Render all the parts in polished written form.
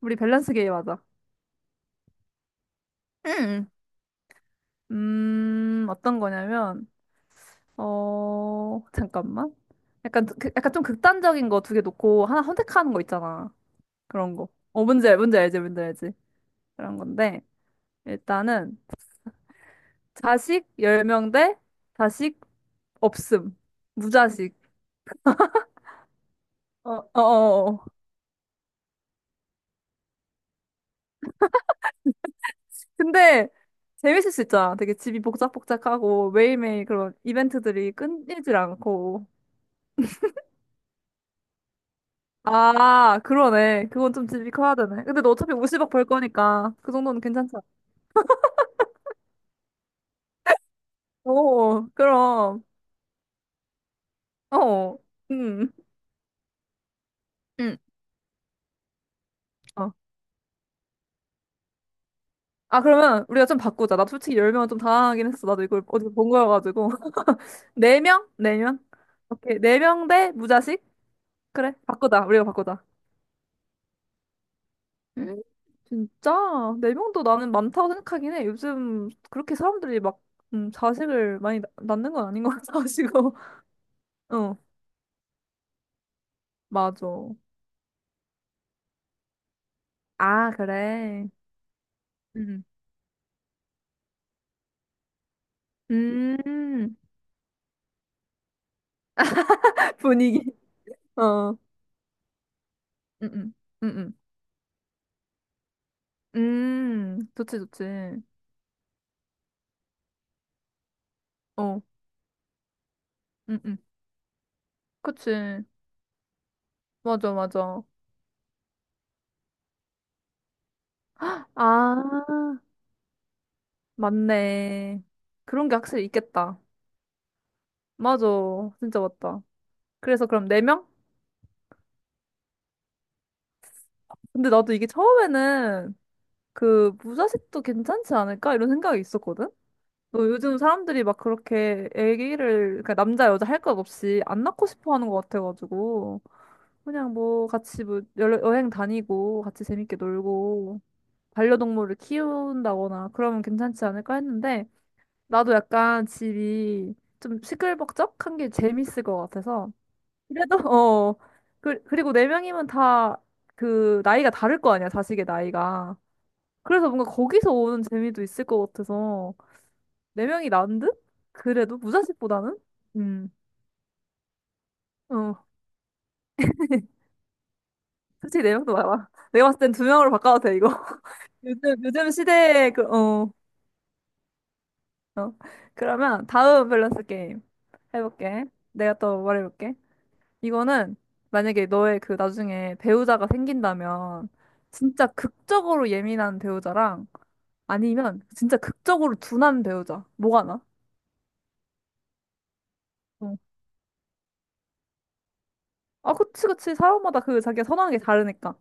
우리 밸런스 게임 하자. 응. 어떤 거냐면, 잠깐만. 약간, 약간 좀 극단적인 거 2개 놓고 하나 선택하는 거 있잖아. 그런 거. 뭔지 알지, 뭔지 알지. 그런 건데, 일단은, 자식 10명 대 자식 없음. 무자식. 어, 어, 어. 어. 근데, 재밌을 수 있잖아. 되게 집이 복작복작하고, 매일매일 그런 이벤트들이 끊이질 않고. 아, 그러네. 그건 좀 집이 커야 되네. 근데 너 어차피 50억 벌 거니까 그 정도는 괜찮잖아. 오, 그럼. 어, 음, 음. 어. 아, 그러면 우리가 좀 바꾸자. 나 솔직히 10명은 좀 당황하긴 했어. 나도 이걸 어디서 본 거여가지고. 4명? 4명? 오케이. 4명 대 무자식? 그래. 바꾸자. 우리가 바꾸자. 음, 진짜? 4명도 나는 많다고 생각하긴 해. 요즘 그렇게 사람들이 막, 자식을 많이 낳는 건 아닌 것 같아가지고. 어, 맞아. 아, 그래. 음. 음, 분위기. 어. 음, 음, 좋지, 좋지. 어, 음, 음, 그치. 맞아, 맞아. 아, 맞네. 그런 게 확실히 있겠다. 맞아. 진짜 맞다. 그래서 그럼 네명. 근데 나도 이게 처음에는 그 무자식도 괜찮지 않을까? 이런 생각이 있었거든? 너 요즘 사람들이 막 그렇게 애기를, 그러니까 남자, 여자 할 것 없이 안 낳고 싶어 하는 것 같아가지고. 그냥 뭐 같이 뭐 여행 다니고 같이 재밌게 놀고 반려동물을 키운다거나 그러면 괜찮지 않을까 했는데 나도 약간 집이 좀 시끌벅적한 게 재밌을 것 같아서 그래도 어 그리고 4명이면 다 그 나이가 다를 거 아니야, 자식의 나이가. 그래서 뭔가 거기서 오는 재미도 있을 것 같아서 4명이 난 듯? 그래도 무자식보다는? 음, 어. 솔직히 4명도 많아. 내가 봤을 땐 2명으로 바꿔도 돼, 이거. 요즘 시대에. 어. 그러면 다음 밸런스 게임 해볼게. 내가 또 말해볼게. 이거는 만약에 너의 그 나중에 배우자가 생긴다면 진짜 극적으로 예민한 배우자랑 아니면 진짜 극적으로 둔한 배우자. 뭐가 나? 어. 아, 그치, 그치. 사람마다 그 자기가 선호하는 게 다르니까.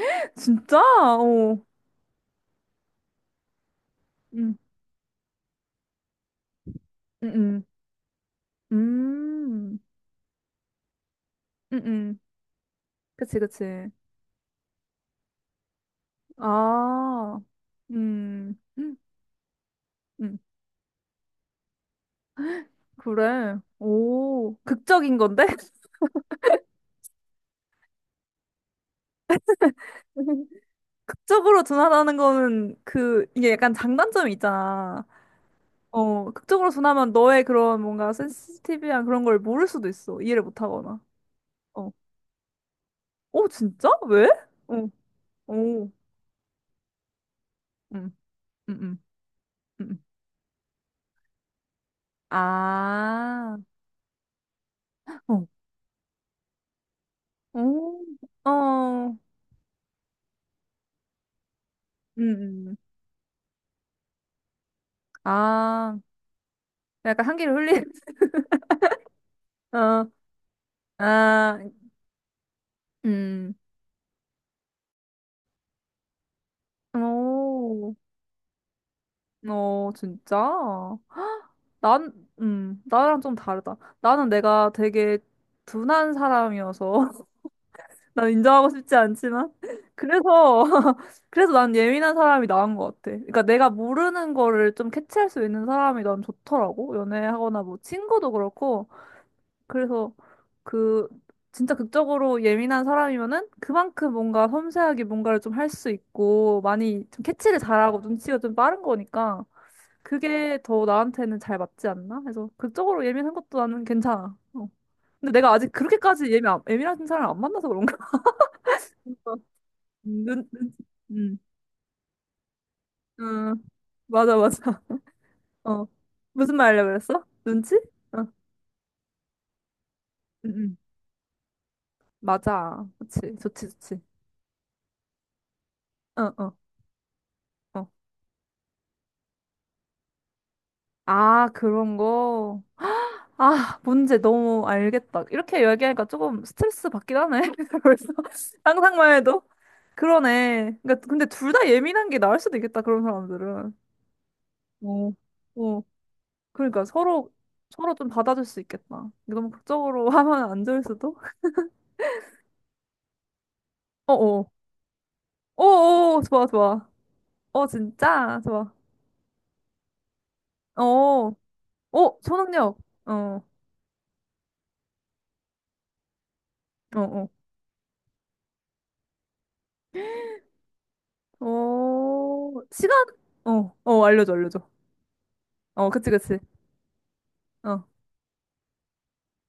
진짜? 어. 음, 음, 음. 음, 응, 응, 그치, 그치. 아, 음. 음. 그래. 오, 극적인 건데? 극적으로 둔하다는 거는 이게 약간 장단점이 있잖아. 어, 극적으로 둔하면 너의 그런 뭔가 센시티비한 그런 걸 모를 수도 있어. 이해를 못 하거나. 어. 오, 진짜? 왜? 어, 오. 음, 음, 음, 음. 아, 어, 오, 어, 음, 음. 아, 약간 한기를 흘리, 어, 아, 음, 오, 어, 진짜? 난, 나랑 좀 다르다. 나는 내가 되게 둔한 사람이어서, 난 인정하고 싶지 않지만, 그래서, 그래서 난 예민한 사람이 나은 것 같아. 그러니까 내가 모르는 거를 좀 캐치할 수 있는 사람이 난 좋더라고. 연애하거나 뭐 친구도 그렇고. 그래서 그, 진짜 극적으로 예민한 사람이면은 그만큼 뭔가 섬세하게 뭔가를 좀 할 수 있고, 많이 좀 캐치를 잘하고 눈치가 좀 빠른 거니까. 그게 더 나한테는 잘 맞지 않나? 그래서 그쪽으로 예민한 것도 나는 괜찮아. 어. 근데 내가 아직 그렇게까지 예민한 사람을 안 만나서 그런가? 음, 눈, 눈, 음, 응. 맞아, 맞아. 어, 무슨 말 하려고 그랬어? 눈치? 어, 응, 응, 맞아. 그치, 좋지, 좋지. 어, 어, 어. 아, 그런 거. 아, 문제 너무 알겠다. 이렇게 얘기하니까 조금 스트레스 받긴 하네. 벌써. 상상만 해도. 그러네. 그러니까 근데 둘 다 예민한 게 나을 수도 있겠다. 그런 사람들은. 어, 어. 그러니까 서로 서로 좀 받아줄 수 있겠다. 이거 너무 극적으로 하면 안 좋을 수도. 어어. 어어. 좋아 좋아. 어 진짜 좋아. 어. 어 어, 초능력. 어. 어어. 어. 어, 시간. 어. 어 알려줘 알려줘. 어 그치 그치. 어.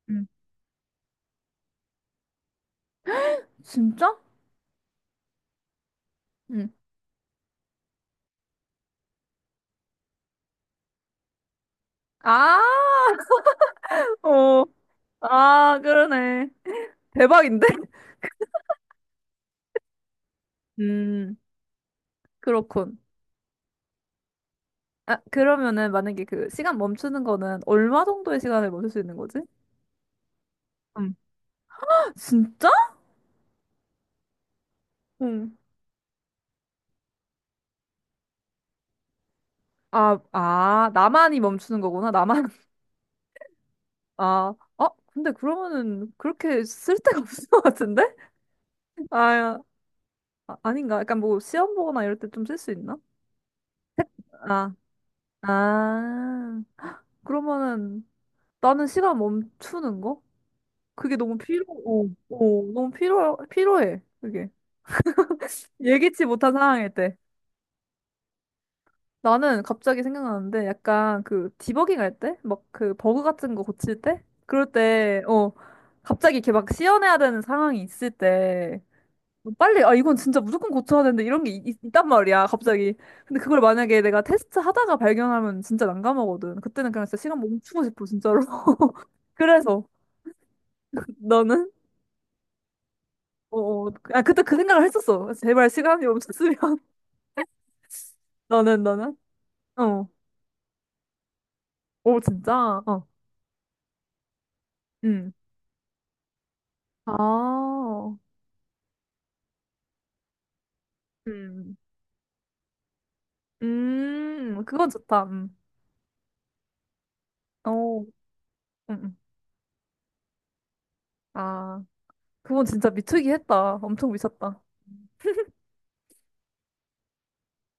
응. 진짜? 응. 아. 어. 아 그러네. 대박인데? 음. 그렇군. 아, 그러면은 만약에 그 시간 멈추는 거는 얼마 정도의 시간을 멈출 수 있는 거지? 음. 진짜? 응. 아, 아, 나만이 멈추는 거구나. 나만. 아, 어? 근데 그러면은 그렇게 쓸 데가 없을 것 같은데? 아, 아, 아닌가? 약간 뭐 시험 보거나 이럴 때 좀 쓸 수 있나? 아, 아, 그러면은 나는 시간 멈추는 거? 그게 너무 필요, 어, 어, 너무 필요, 필요해. 그게. 예기치 못한 상황일 때. 나는 갑자기 생각나는데 약간 그 디버깅 할 때? 막 그 버그 같은 거 고칠 때? 그럴 때, 갑자기 이렇게 막 씌어내야 되는 상황이 있을 때 뭐 빨리, 아, 이건 진짜 무조건 고쳐야 되는데 이런 게 있, 단 말이야, 갑자기. 근데 그걸 만약에 내가 테스트 하다가 발견하면 진짜 난감하거든. 그때는 그냥 진짜 시간 멈추고 싶어, 진짜로. 그래서 너는? 어, 어, 아, 그때 그 생각을 했었어. 제발 시간이 멈췄으면. 너는, 너는? 어. 오, 진짜? 어. 응. 아. 음, 그건 좋다. 음. 어, 음, 음. 아, 그건 진짜 미치기 했다. 엄청 미쳤다.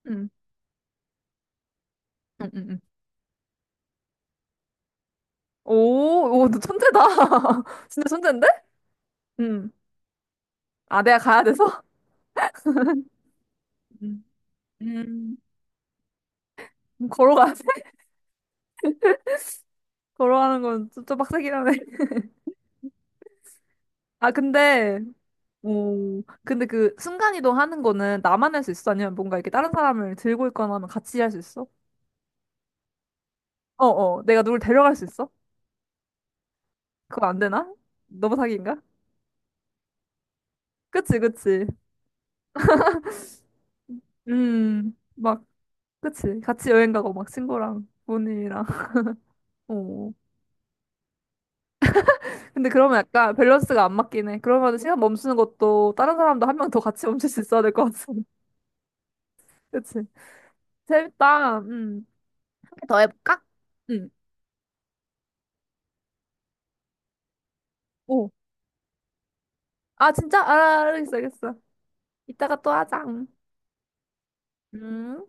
음, 음, 음, 음. 오, 오, 너 천재다. 진짜 천재인데? 음. 아, 내가 가야 돼서? 음, 음. 걸어가야 돼? 걸어가는 건 좀, 빡세긴 하네. 아, 근데 그 순간이동 하는 거는 나만 할 수 있어? 아니면 뭔가 이렇게 다른 사람을 들고 있거나 하면 같이 할 수 있어? 어어, 내가 누굴 데려갈 수 있어? 그거 안 되나? 너무 사기인가? 그치, 그치. 막, 그치. 같이 여행 가고, 막, 친구랑, 부모님이랑. 어. 근데 그러면 약간 밸런스가 안 맞긴 해. 그러면 시간 멈추는 것도 다른 사람도 1명 더 같이 멈출 수 있어야 될 것 같아. 그치. 재밌다. 1개 더 해볼까? 응 오. 아, 진짜? 아, 알겠어, 알겠어. 이따가 또 하자. 응. 음.